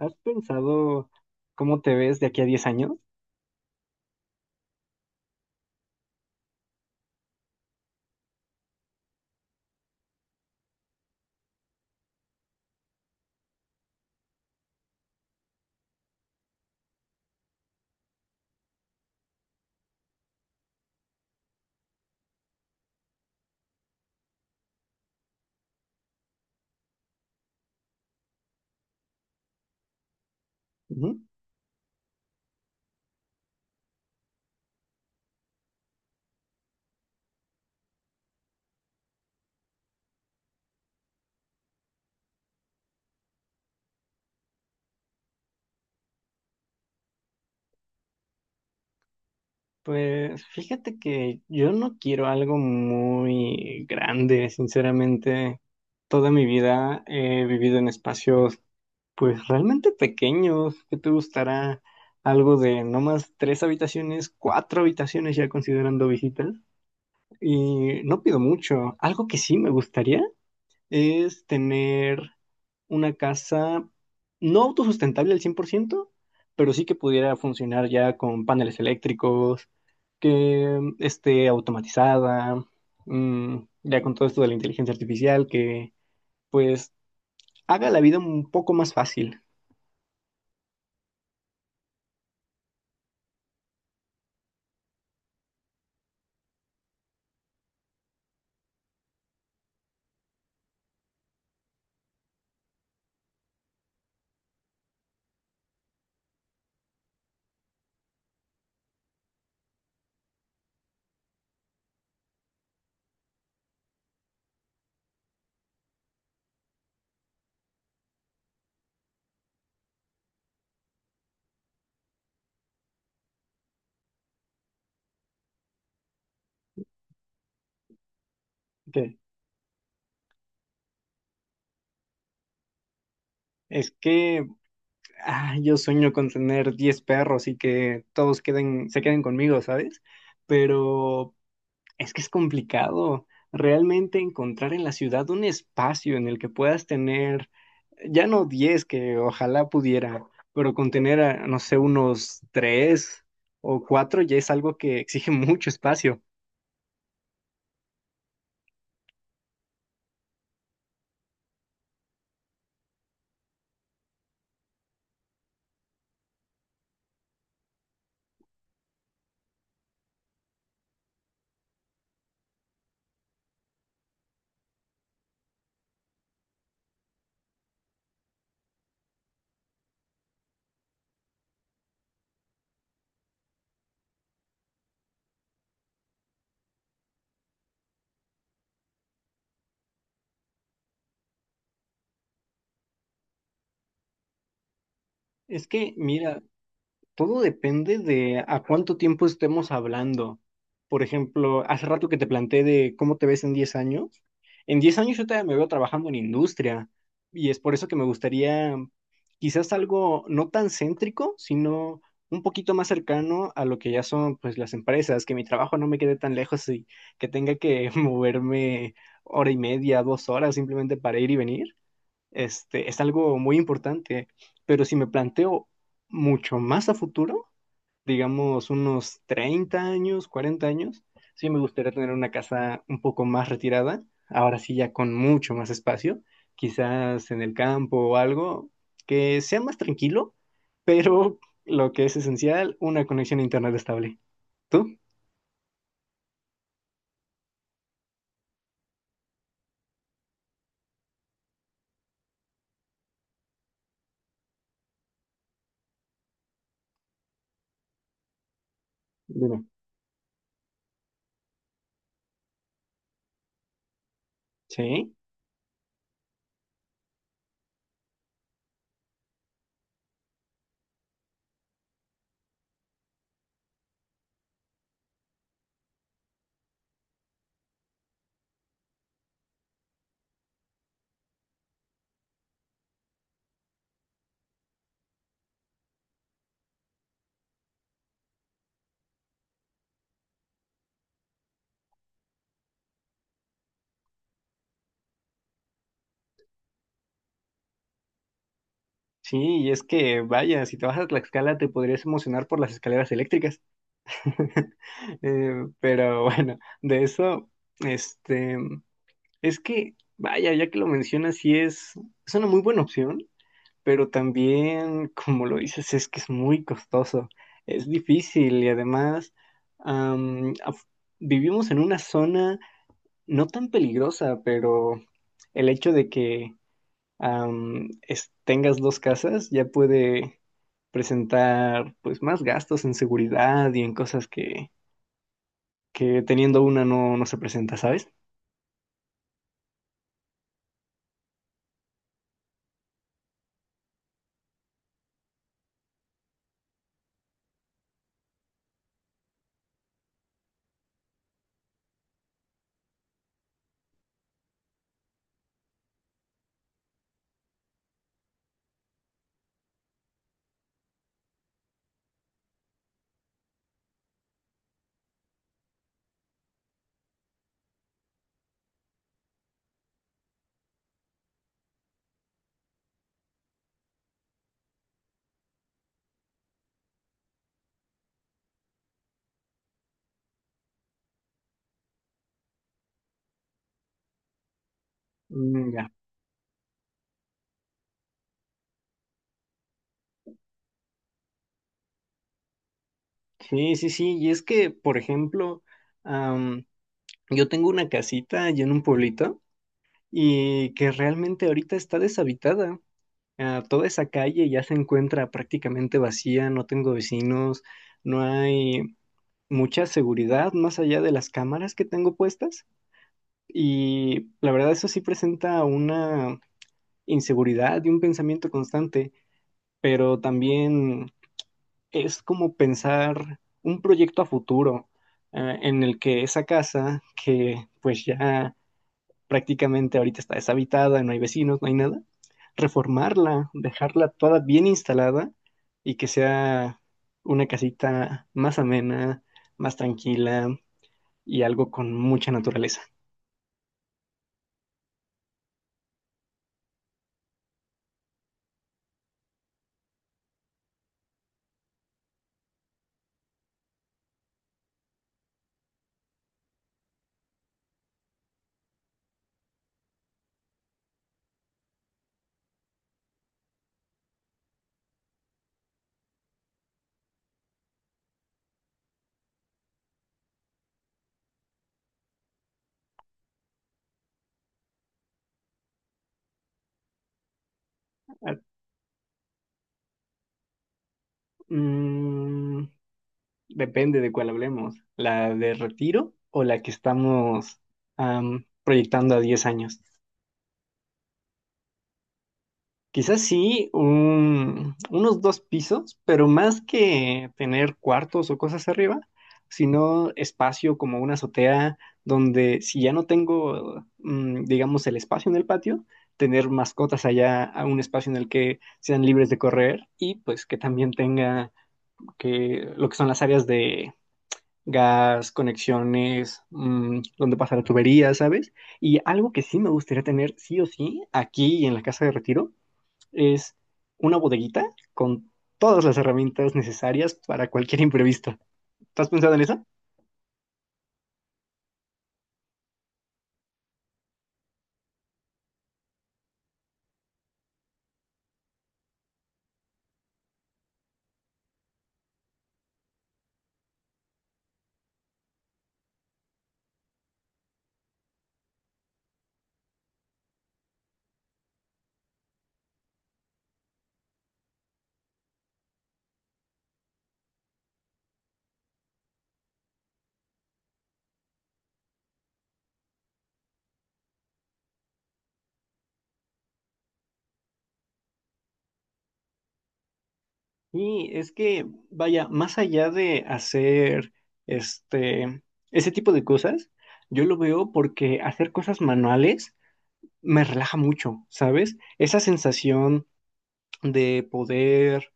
¿Has pensado cómo te ves de aquí a 10 años? Ujú. Pues fíjate que yo no quiero algo muy grande, sinceramente. Toda mi vida he vivido en espacios pues realmente pequeños. ¿Qué te gustará algo de no más tres habitaciones, cuatro habitaciones ya considerando visitas? Y no pido mucho. Algo que sí me gustaría es tener una casa no autosustentable al 100%, pero sí que pudiera funcionar ya con paneles eléctricos, que esté automatizada, ya con todo esto de la inteligencia artificial, que pues haga la vida un poco más fácil. ¿Qué? Es que yo sueño con tener 10 perros y que todos queden, se queden conmigo, ¿sabes? Pero es que es complicado realmente encontrar en la ciudad un espacio en el que puedas tener, ya no 10, que ojalá pudiera, pero con tener, no sé, unos 3 o 4 ya es algo que exige mucho espacio. Es que, mira, todo depende de a cuánto tiempo estemos hablando. Por ejemplo, hace rato que te planteé de cómo te ves en 10 años. En 10 años yo todavía me veo trabajando en industria y es por eso que me gustaría quizás algo no tan céntrico, sino un poquito más cercano a lo que ya son pues las empresas, que mi trabajo no me quede tan lejos y que tenga que moverme hora y media, 2 horas simplemente para ir y venir, es algo muy importante. Pero si me planteo mucho más a futuro, digamos unos 30 años, 40 años, sí me gustaría tener una casa un poco más retirada, ahora sí ya con mucho más espacio, quizás en el campo o algo, que sea más tranquilo, pero lo que es esencial, una conexión a internet estable. ¿Tú? Dime. Sí, sí, y es que vaya, si te vas a Tlaxcala te podrías emocionar por las escaleras eléctricas. Eh, pero bueno, de eso, este, es que, vaya, ya que lo mencionas, sí es una muy buena opción, pero también, como lo dices, es que es muy costoso, es difícil y además am, af- vivimos en una zona no tan peligrosa, pero el hecho de que tengas dos casas ya puede presentar pues más gastos en seguridad y en cosas que teniendo una no, no se presenta, ¿sabes? Mm, ya. Sí, sí, sí. Y es que, por ejemplo, am, yo tengo una casita allá en un pueblito y que realmente ahorita está deshabitada. Ah, toda esa calle ya se encuentra prácticamente vacía, no tengo vecinos, no hay mucha seguridad más allá de las cámaras que tengo puestas. Y la verdad eso sí presenta una inseguridad y un pensamiento constante, pero también es como pensar un proyecto a futuro, en el que esa casa, que pues ya prácticamente ahorita está deshabitada, no hay vecinos, no hay nada, reformarla, dejarla toda bien instalada y que sea una casita más amena, más tranquila y algo con mucha naturaleza. Ah, mm, Depende de cuál hablemos, la de retiro o la que estamos proyectando a 10 años. Quizás sí, unos dos pisos, pero más que tener cuartos o cosas arriba, sino espacio como una azotea donde si ya no tengo, digamos, el espacio en el patio, tener mascotas allá a un espacio en el que sean libres de correr y pues que también tenga que lo que son las áreas de gas, conexiones, donde pasa la tubería, ¿sabes? Y algo que sí me gustaría tener sí o sí aquí en la casa de retiro es una bodeguita con todas las herramientas necesarias para cualquier imprevisto. ¿Estás pensado en eso? Y es que, vaya, más allá de hacer este, ese tipo de cosas, yo lo veo porque hacer cosas manuales me relaja mucho, ¿sabes? Esa sensación de poder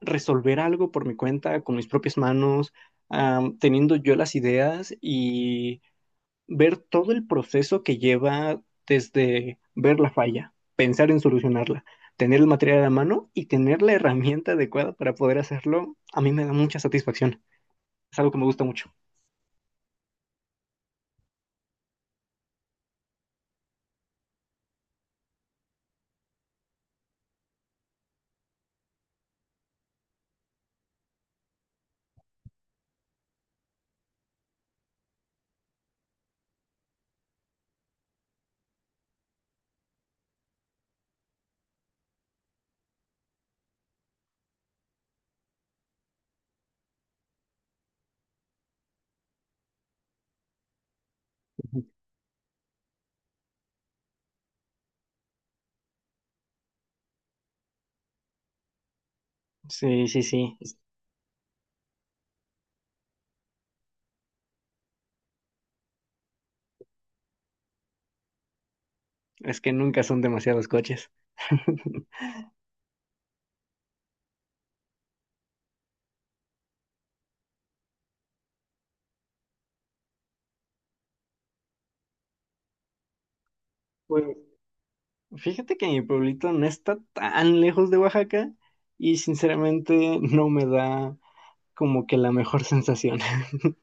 resolver algo por mi cuenta, con mis propias manos, teniendo yo las ideas y ver todo el proceso que lleva desde ver la falla, pensar en solucionarla, tener el material a la mano y tener la herramienta adecuada para poder hacerlo, a mí me da mucha satisfacción. Es algo que me gusta mucho. Ujú. Sí, sí, sí. Es que nunca son demasiados coches. Pues fíjate que mi pueblito no está tan lejos de Oaxaca y sinceramente no me da como que la mejor sensación.